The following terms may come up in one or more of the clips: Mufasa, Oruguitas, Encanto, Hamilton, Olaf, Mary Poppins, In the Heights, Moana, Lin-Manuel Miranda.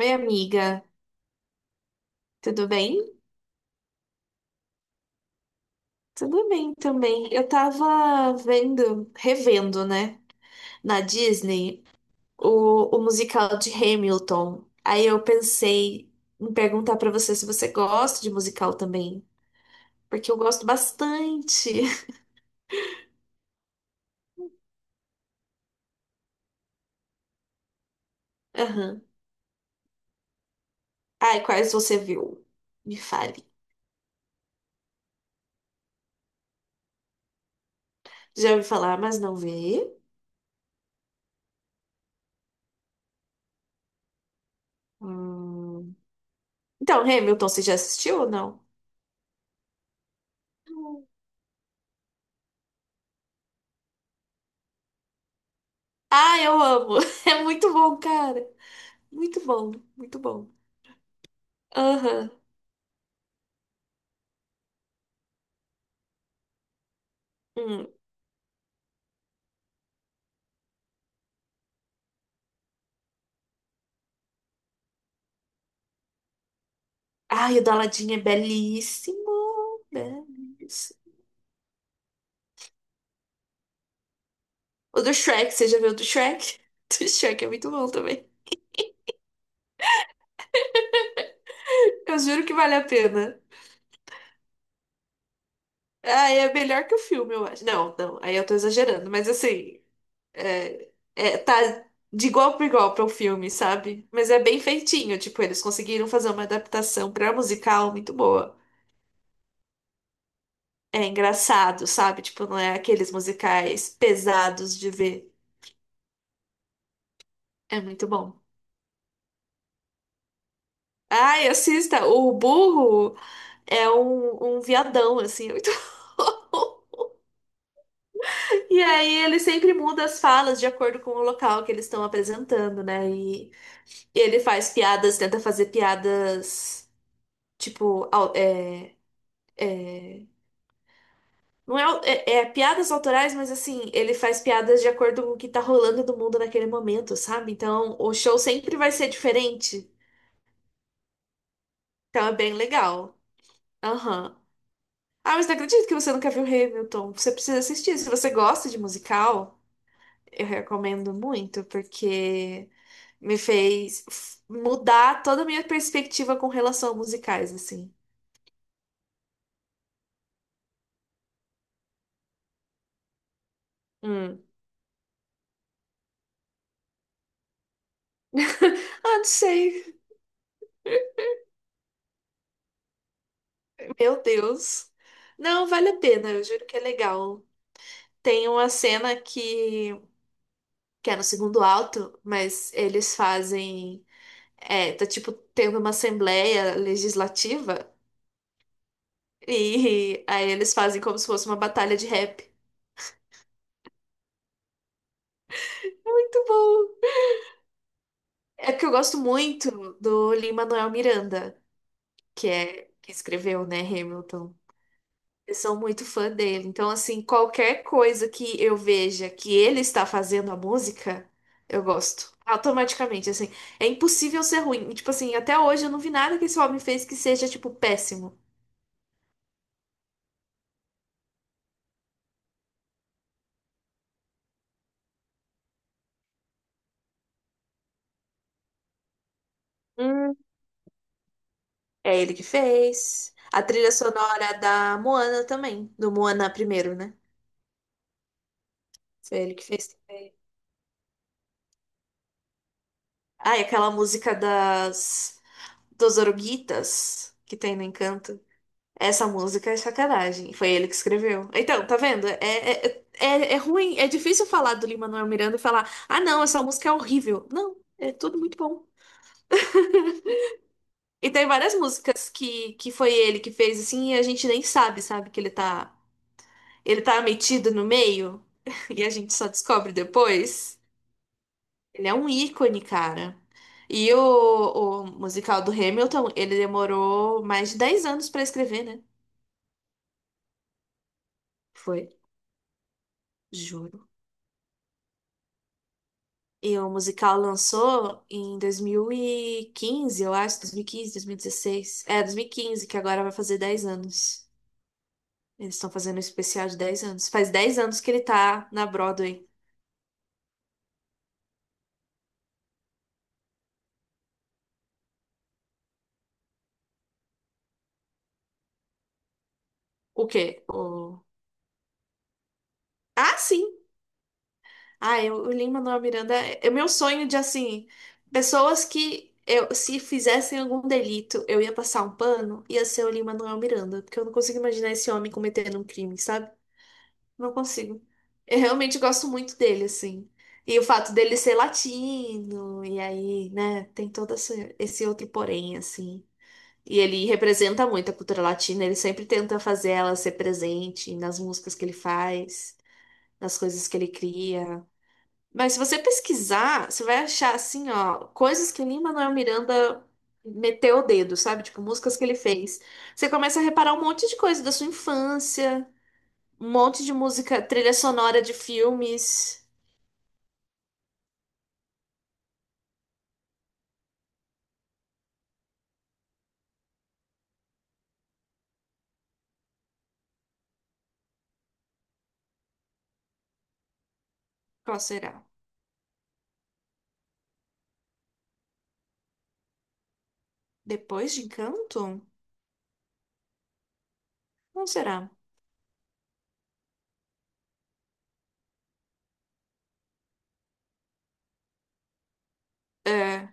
Oi, amiga, tudo bem? Tudo bem também. Eu tava vendo, revendo, né, na Disney, o musical de Hamilton. Aí eu pensei em perguntar pra você se você gosta de musical também, porque eu gosto bastante. Aham. Ai, quais você viu? Me fale. Já ouvi falar, mas não vi. Hum. Então, Hamilton, você já assistiu ou não? Não. Ah, eu amo. É muito bom, cara. Muito bom, muito bom. Aham. Hum. Ai, o do Aladdin é belíssimo. Belíssimo. O do Shrek, você já viu o do Shrek? O do Shrek é muito bom também. Eu juro que vale a pena. Ah, é melhor que o filme, eu acho. Não, não, aí eu tô exagerando, mas assim, é, tá de igual para igual para o filme, sabe? Mas é bem feitinho, tipo, eles conseguiram fazer uma adaptação pra musical muito boa. É engraçado, sabe? Tipo, não é aqueles musicais pesados de ver. É muito bom. Ai, assista, o burro é um viadão, assim, é muito. E aí ele sempre muda as falas de acordo com o local que eles estão apresentando, né? E ele faz piadas, tenta fazer piadas, tipo, não é, é piadas autorais, mas assim, ele faz piadas de acordo com o que tá rolando no mundo naquele momento, sabe? Então o show sempre vai ser diferente. Então é bem legal. Aham. Ah, mas não acredito que você nunca viu Hamilton. Você precisa assistir. Se você gosta de musical. Eu recomendo muito, porque me fez mudar toda a minha perspectiva com relação a musicais, assim. Hum. Ah, não sei. Meu Deus. Não, vale a pena, eu juro que é legal. Tem uma cena que é no segundo alto, mas eles fazem. É, tá tipo tendo uma assembleia legislativa, e aí eles fazem como se fosse uma batalha de rap. Muito bom! É porque eu gosto muito do Lin-Manuel Miranda. Que é que escreveu, né, Hamilton. Eu sou muito fã dele. Então, assim, qualquer coisa que eu veja que ele está fazendo a música, eu gosto. Automaticamente, assim. É impossível ser ruim. E, tipo assim, até hoje eu não vi nada que esse homem fez que seja, tipo, péssimo. Hum, É ele que fez. A trilha sonora da Moana também. Do Moana primeiro, né? Foi ele que fez. Ah, e aquela música das... dos Oruguitas que tem no Encanto. Essa música é sacanagem. Foi ele que escreveu. Então, tá vendo? É ruim, é difícil falar do Lin-Manuel Miranda e falar, ah, não, essa música é horrível. Não, é tudo muito bom. E tem várias músicas que foi ele que fez, assim, e a gente nem sabe, sabe, que ele tá metido no meio e a gente só descobre depois. Ele é um ícone, cara. E o musical do Hamilton, ele demorou mais de 10 anos pra escrever, né? Foi, juro. E o musical lançou em dois mil e quinze eu acho, 2015, 2016. É, 2015 que agora vai fazer 10 anos. Eles estão fazendo um especial de 10 anos. Faz 10 anos que ele tá na Broadway. O quê? O... Ah, sim! Ah, eu, o Lin Manuel Miranda é o meu sonho de, assim, pessoas que eu, se fizessem algum delito, eu ia passar um pano, ia ser o Lin Manuel Miranda. Porque eu não consigo imaginar esse homem cometendo um crime, sabe? Não consigo. Eu realmente gosto muito dele, assim. E o fato dele ser latino, e aí, né, tem todo esse outro porém, assim. E ele representa muito a cultura latina, ele sempre tenta fazer ela ser presente nas músicas que ele faz, nas coisas que ele cria. Mas se você pesquisar, você vai achar, assim, ó, coisas que Lin-Manuel Miranda meteu o dedo, sabe? Tipo, músicas que ele fez. Você começa a reparar um monte de coisa da sua infância. Um monte de música, trilha sonora de filmes. Qual será? Depois de Encanto? Não será? É,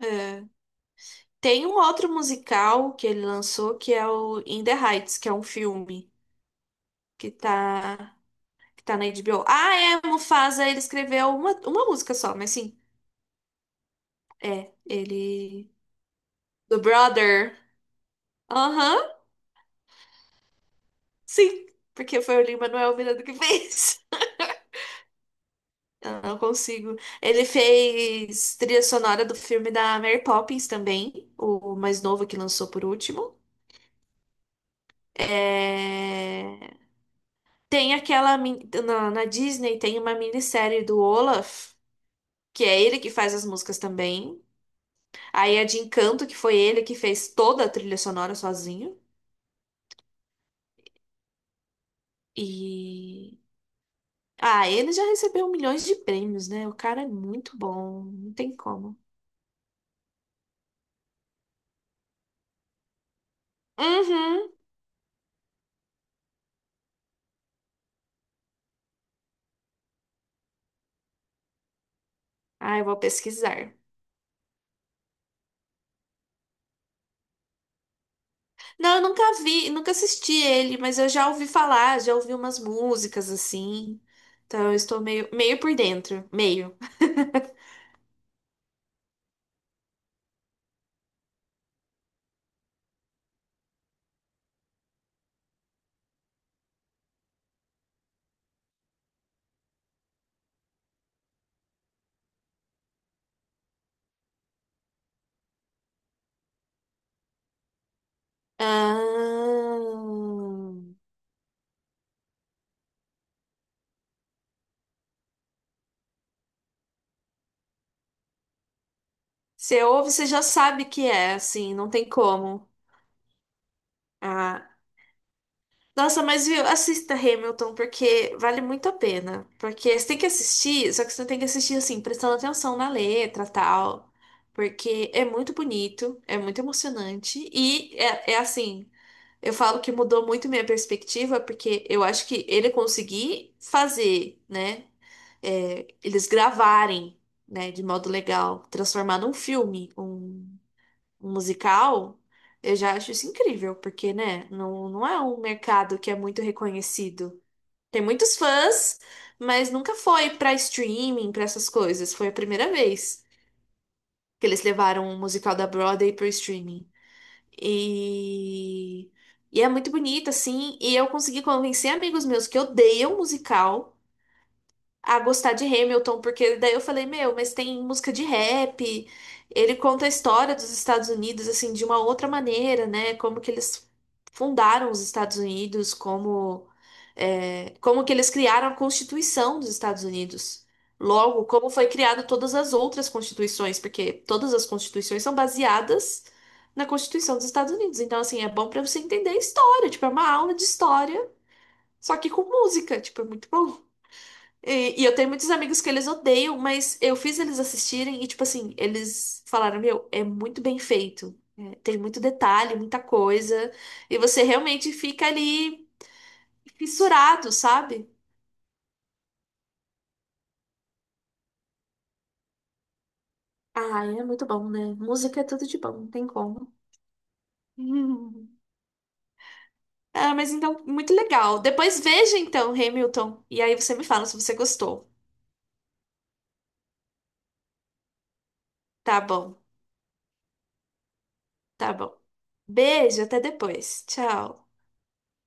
é. Tem um outro musical que ele lançou que é o In the Heights, que é um filme que tá, que tá na HBO. Ah, é, Mufasa, ele escreveu uma música só, mas sim, ele. Do Brother. Aham, sim, porque foi o Lin-Manuel Miranda que fez. Eu não consigo. Ele fez trilha sonora do filme da Mary Poppins também, o mais novo que lançou por último. É, tem aquela. Na, na Disney tem uma minissérie do Olaf, que é ele que faz as músicas também. Aí a de Encanto, que foi ele que fez toda a trilha sonora sozinho. E. Ah, ele já recebeu milhões de prêmios, né? O cara é muito bom, não tem como. Uhum. Ah, eu vou pesquisar. Não, eu nunca vi, nunca assisti ele, mas eu já ouvi falar, já ouvi umas músicas assim. Então eu estou meio, meio por dentro, meio. Ah, você ouve, você já sabe que é, assim, não tem como. Ah. Nossa, mas viu, assista Hamilton, porque vale muito a pena. Porque você tem que assistir, só que você tem que assistir assim, prestando atenção na letra e tal. Porque é muito bonito, é muito emocionante e é assim. Eu falo que mudou muito minha perspectiva, porque eu acho que ele conseguir fazer, né? É, eles gravarem, né, de modo legal, transformar num filme, um musical, eu já acho isso incrível, porque, né, não, não é um mercado que é muito reconhecido. Tem muitos fãs, mas nunca foi pra streaming, pra essas coisas. Foi a primeira vez que eles levaram um musical da Broadway pro streaming. E, e é muito bonito, assim. E eu consegui convencer amigos meus que odeiam musical a gostar de Hamilton, porque daí eu falei, meu, mas tem música de rap, ele conta a história dos Estados Unidos, assim, de uma outra maneira, né? Como que eles fundaram os Estados Unidos, como, é, como que eles criaram a Constituição dos Estados Unidos. Logo, como foi criado todas as outras constituições, porque todas as constituições são baseadas na Constituição dos Estados Unidos. Então, assim, é bom pra você entender a história, tipo, é uma aula de história, só que com música, tipo, é muito bom. E eu tenho muitos amigos que eles odeiam, mas eu fiz eles assistirem e, tipo assim, eles falaram: Meu, é muito bem feito. É, tem muito detalhe, muita coisa. E você realmente fica ali fissurado, sabe? Ah, é muito bom, né? Música é tudo de bom, não tem como. Ah, mas então, muito legal. Depois veja então, Hamilton. E aí você me fala se você gostou. Tá bom, tá bom. Beijo, até depois. Tchau.